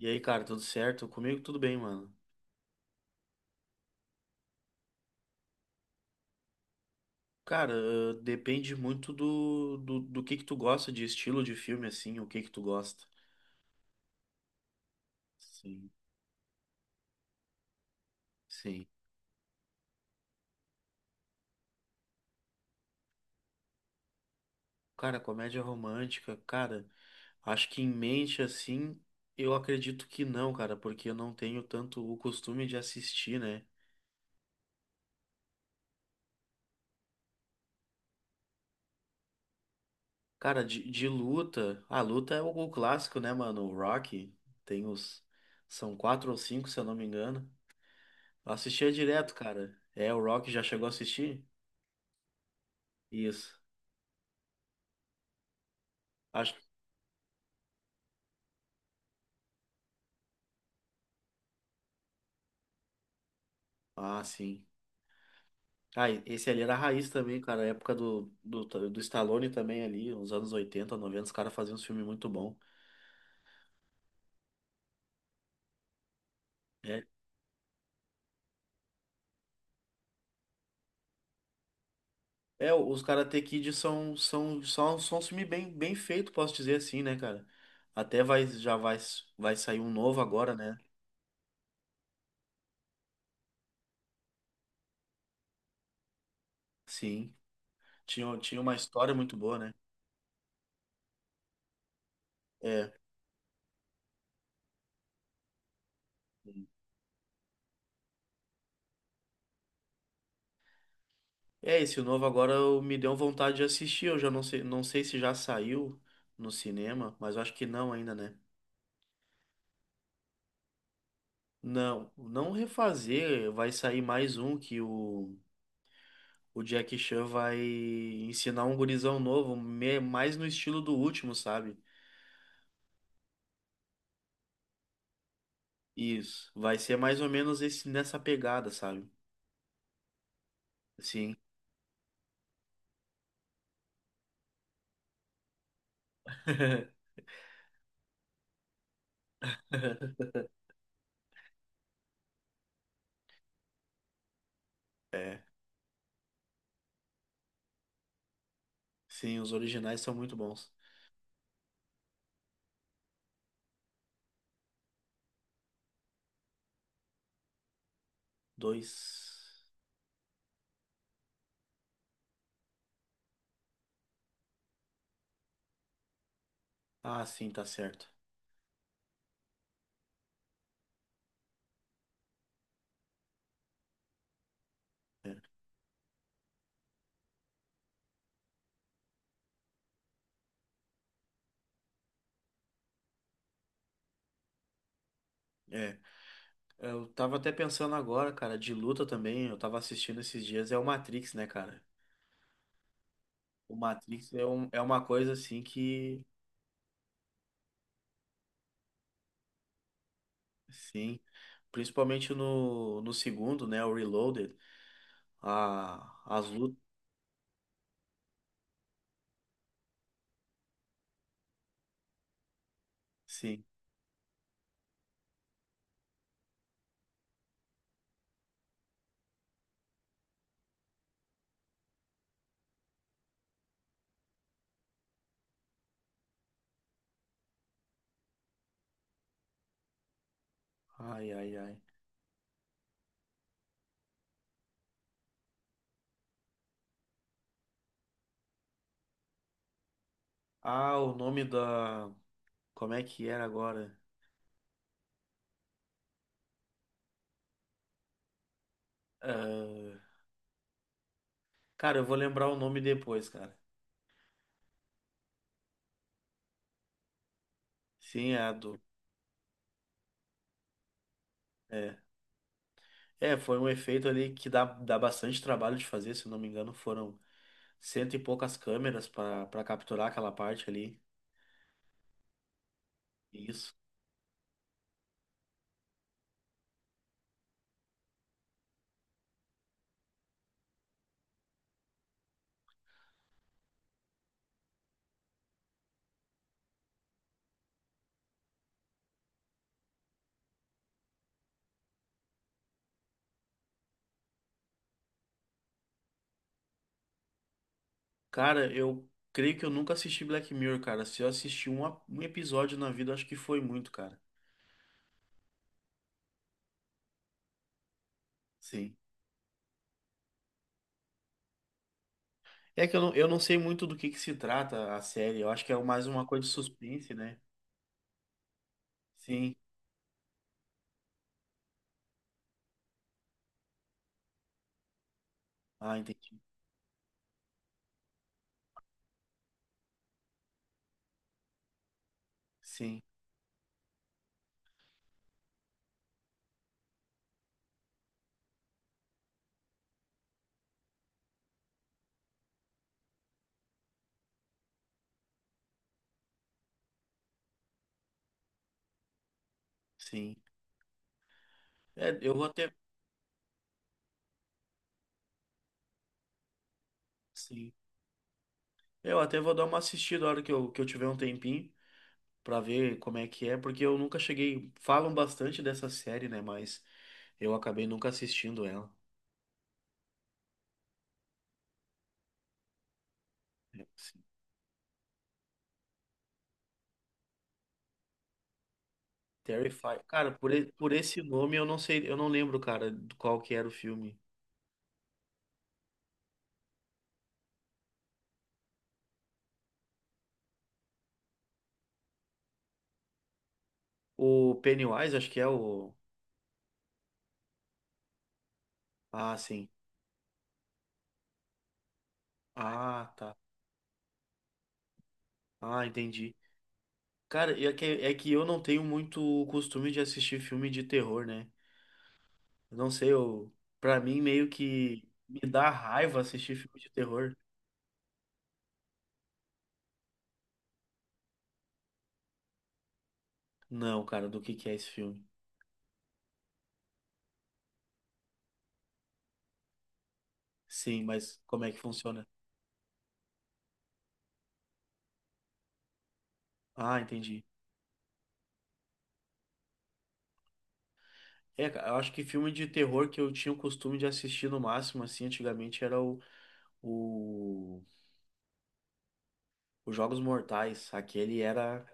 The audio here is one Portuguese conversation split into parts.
E aí, cara, tudo certo? Comigo tudo bem, mano. Cara, depende muito do que tu gosta de estilo de filme, assim, o que que tu gosta. Sim, sim. Cara, comédia romântica, cara, acho que em mente, assim, eu acredito que não, cara, porque eu não tenho tanto o costume de assistir, né? Cara, de luta, a luta é o clássico, né, mano? O Rock, tem os, são quatro ou cinco, se eu não me engano. Eu assistia direto, cara. É, o Rock já chegou a assistir? Isso. Acho. Ah, sim. Ah, esse ali era a raiz também, cara. A época do Stallone também ali, os anos 80, 90 os caras faziam uns filmes muito bom. É, é os Karate Kid são um filme bem feito, posso dizer assim, né, cara? Até vai, já vai, vai sair um novo agora, né? Sim. Tinha uma história muito boa, né? É. É, esse novo agora me deu vontade de assistir. Eu já não sei, não sei se já saiu no cinema, mas eu acho que não ainda, né? Não, não refazer, vai sair mais um que o Jack Chan vai ensinar um gurizão novo, mais no estilo do último, sabe? Isso, vai ser mais ou menos esse nessa pegada, sabe? Sim. É, sim, os originais são muito bons. Dois. Ah, sim, tá certo. É. É. Eu tava até pensando agora, cara, de luta também, eu tava assistindo esses dias, é o Matrix, né, cara? O Matrix é uma coisa assim que. Sim. Principalmente no segundo, né? O Reloaded. A, as lutas. Sim. Ai, ai, ai. Ah, o nome da. Como é que era agora? Ah, cara, eu vou lembrar o nome depois, cara. Sim, é a do. É. É, foi um efeito ali que dá bastante trabalho de fazer, se eu não me engano, foram cento e poucas câmeras para capturar aquela parte ali. Isso. Cara, eu creio que eu nunca assisti Black Mirror, cara. Se eu assisti um episódio na vida, acho que foi muito, cara. Sim. É que eu não sei muito do que se trata a série. Eu acho que é mais uma coisa de suspense, né? Sim. Ah, entendi. Sim, sim. É, eu vou até. Sim. Eu até vou dar uma assistida na hora que eu tiver um tempinho pra ver como é que é, porque eu nunca cheguei. Falam bastante dessa série, né? Mas eu acabei nunca assistindo ela. É, sim. Terrify. Cara, por esse nome eu não sei, eu não lembro, cara, do qual que era o filme. O Pennywise, acho que é o. Ah, sim. Ah, tá. Ah, entendi. Cara, é que eu não tenho muito o costume de assistir filme de terror, né? Eu não sei, pra mim meio que me dá raiva assistir filme de terror. Não, cara, do que é esse filme? Sim, mas como é que funciona? Ah, entendi. É, cara, eu acho que filme de terror que eu tinha o costume de assistir no máximo, assim, antigamente era o, os Jogos Mortais. Aquele era.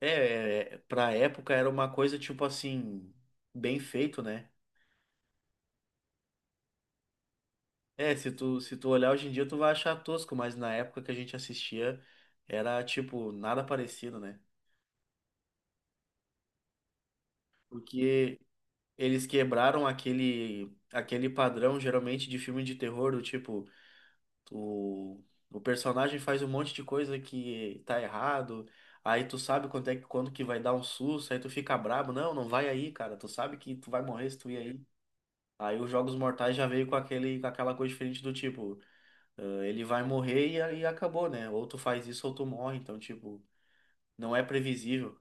É, pra época era uma coisa tipo assim, bem feito, né? É, se tu olhar hoje em dia, tu vai achar tosco, mas na época que a gente assistia, era tipo, nada parecido, né? Porque eles quebraram aquele padrão, geralmente, de filme de terror, do tipo, o, o personagem faz um monte de coisa que tá errado, aí tu sabe quando é, quando que vai dar um susto, aí tu fica brabo, não, não vai aí, cara, tu sabe que tu vai morrer se tu ir aí. Aí os Jogos Mortais já veio com aquele, com aquela coisa diferente do tipo. Ah, ele vai morrer e, aí acabou, né? Ou tu faz isso ou tu morre. Então, tipo, não é previsível.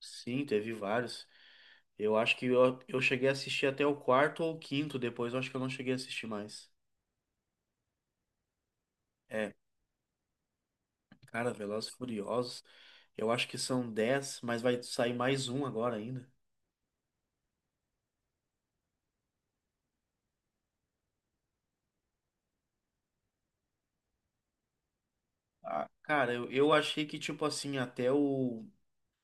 Sim, teve vários. Eu acho que eu cheguei a assistir até o quarto ou o quinto, depois eu acho que eu não cheguei a assistir mais. É, cara, Velozes e Furiosos, eu acho que são 10, mas vai sair mais um agora ainda. Ah, cara, eu achei que, tipo assim, até o,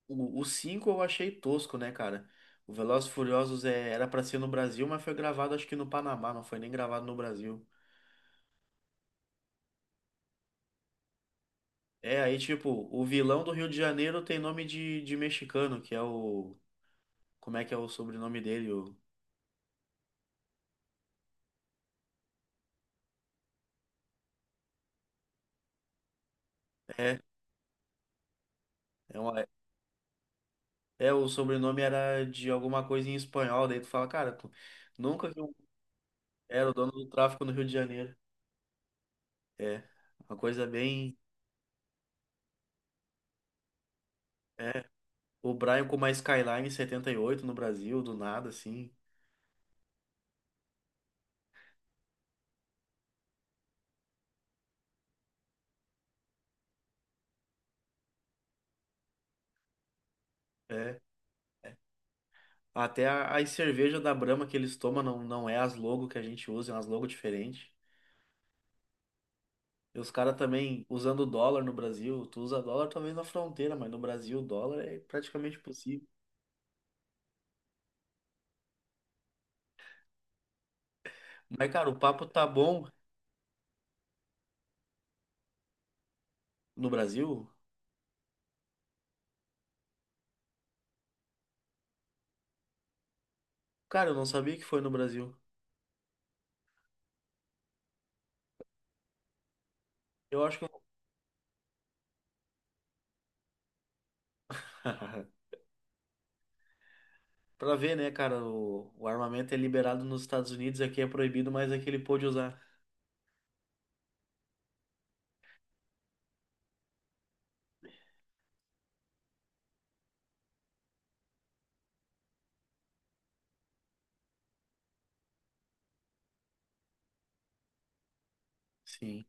o, o 5 eu achei tosco, né, cara? O Velozes e Furiosos era pra ser no Brasil, mas foi gravado acho que no Panamá, não foi nem gravado no Brasil. É, aí, tipo, o vilão do Rio de Janeiro tem nome de mexicano, que é o. Como é que é o sobrenome dele? O. É, é, uma. É, o sobrenome era de alguma coisa em espanhol, daí tu fala, cara, tu nunca viu. Era o dono do tráfico no Rio de Janeiro. É, uma coisa bem. É, o Brian com uma Skyline 78 no Brasil, do nada, assim. É. Até as cervejas da Brahma que eles tomam não é as logo que a gente usa, é umas logo diferentes. E os caras também usando dólar no Brasil. Tu usa dólar talvez na fronteira, mas no Brasil o dólar é praticamente impossível. Mas, cara, o papo tá bom no Brasil? Cara, eu não sabia que foi no Brasil. Eu acho que. Eu- Pra ver, né, cara, o armamento é liberado nos Estados Unidos, aqui é proibido, mas aqui ele pôde usar. Sim,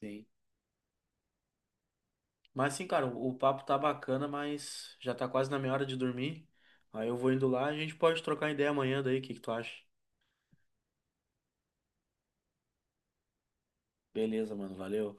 sim. Mas sim, cara, o papo tá bacana, mas já tá quase na minha hora de dormir. Aí eu vou indo lá, a gente pode trocar ideia amanhã daí, o que que tu acha? Beleza, mano, valeu.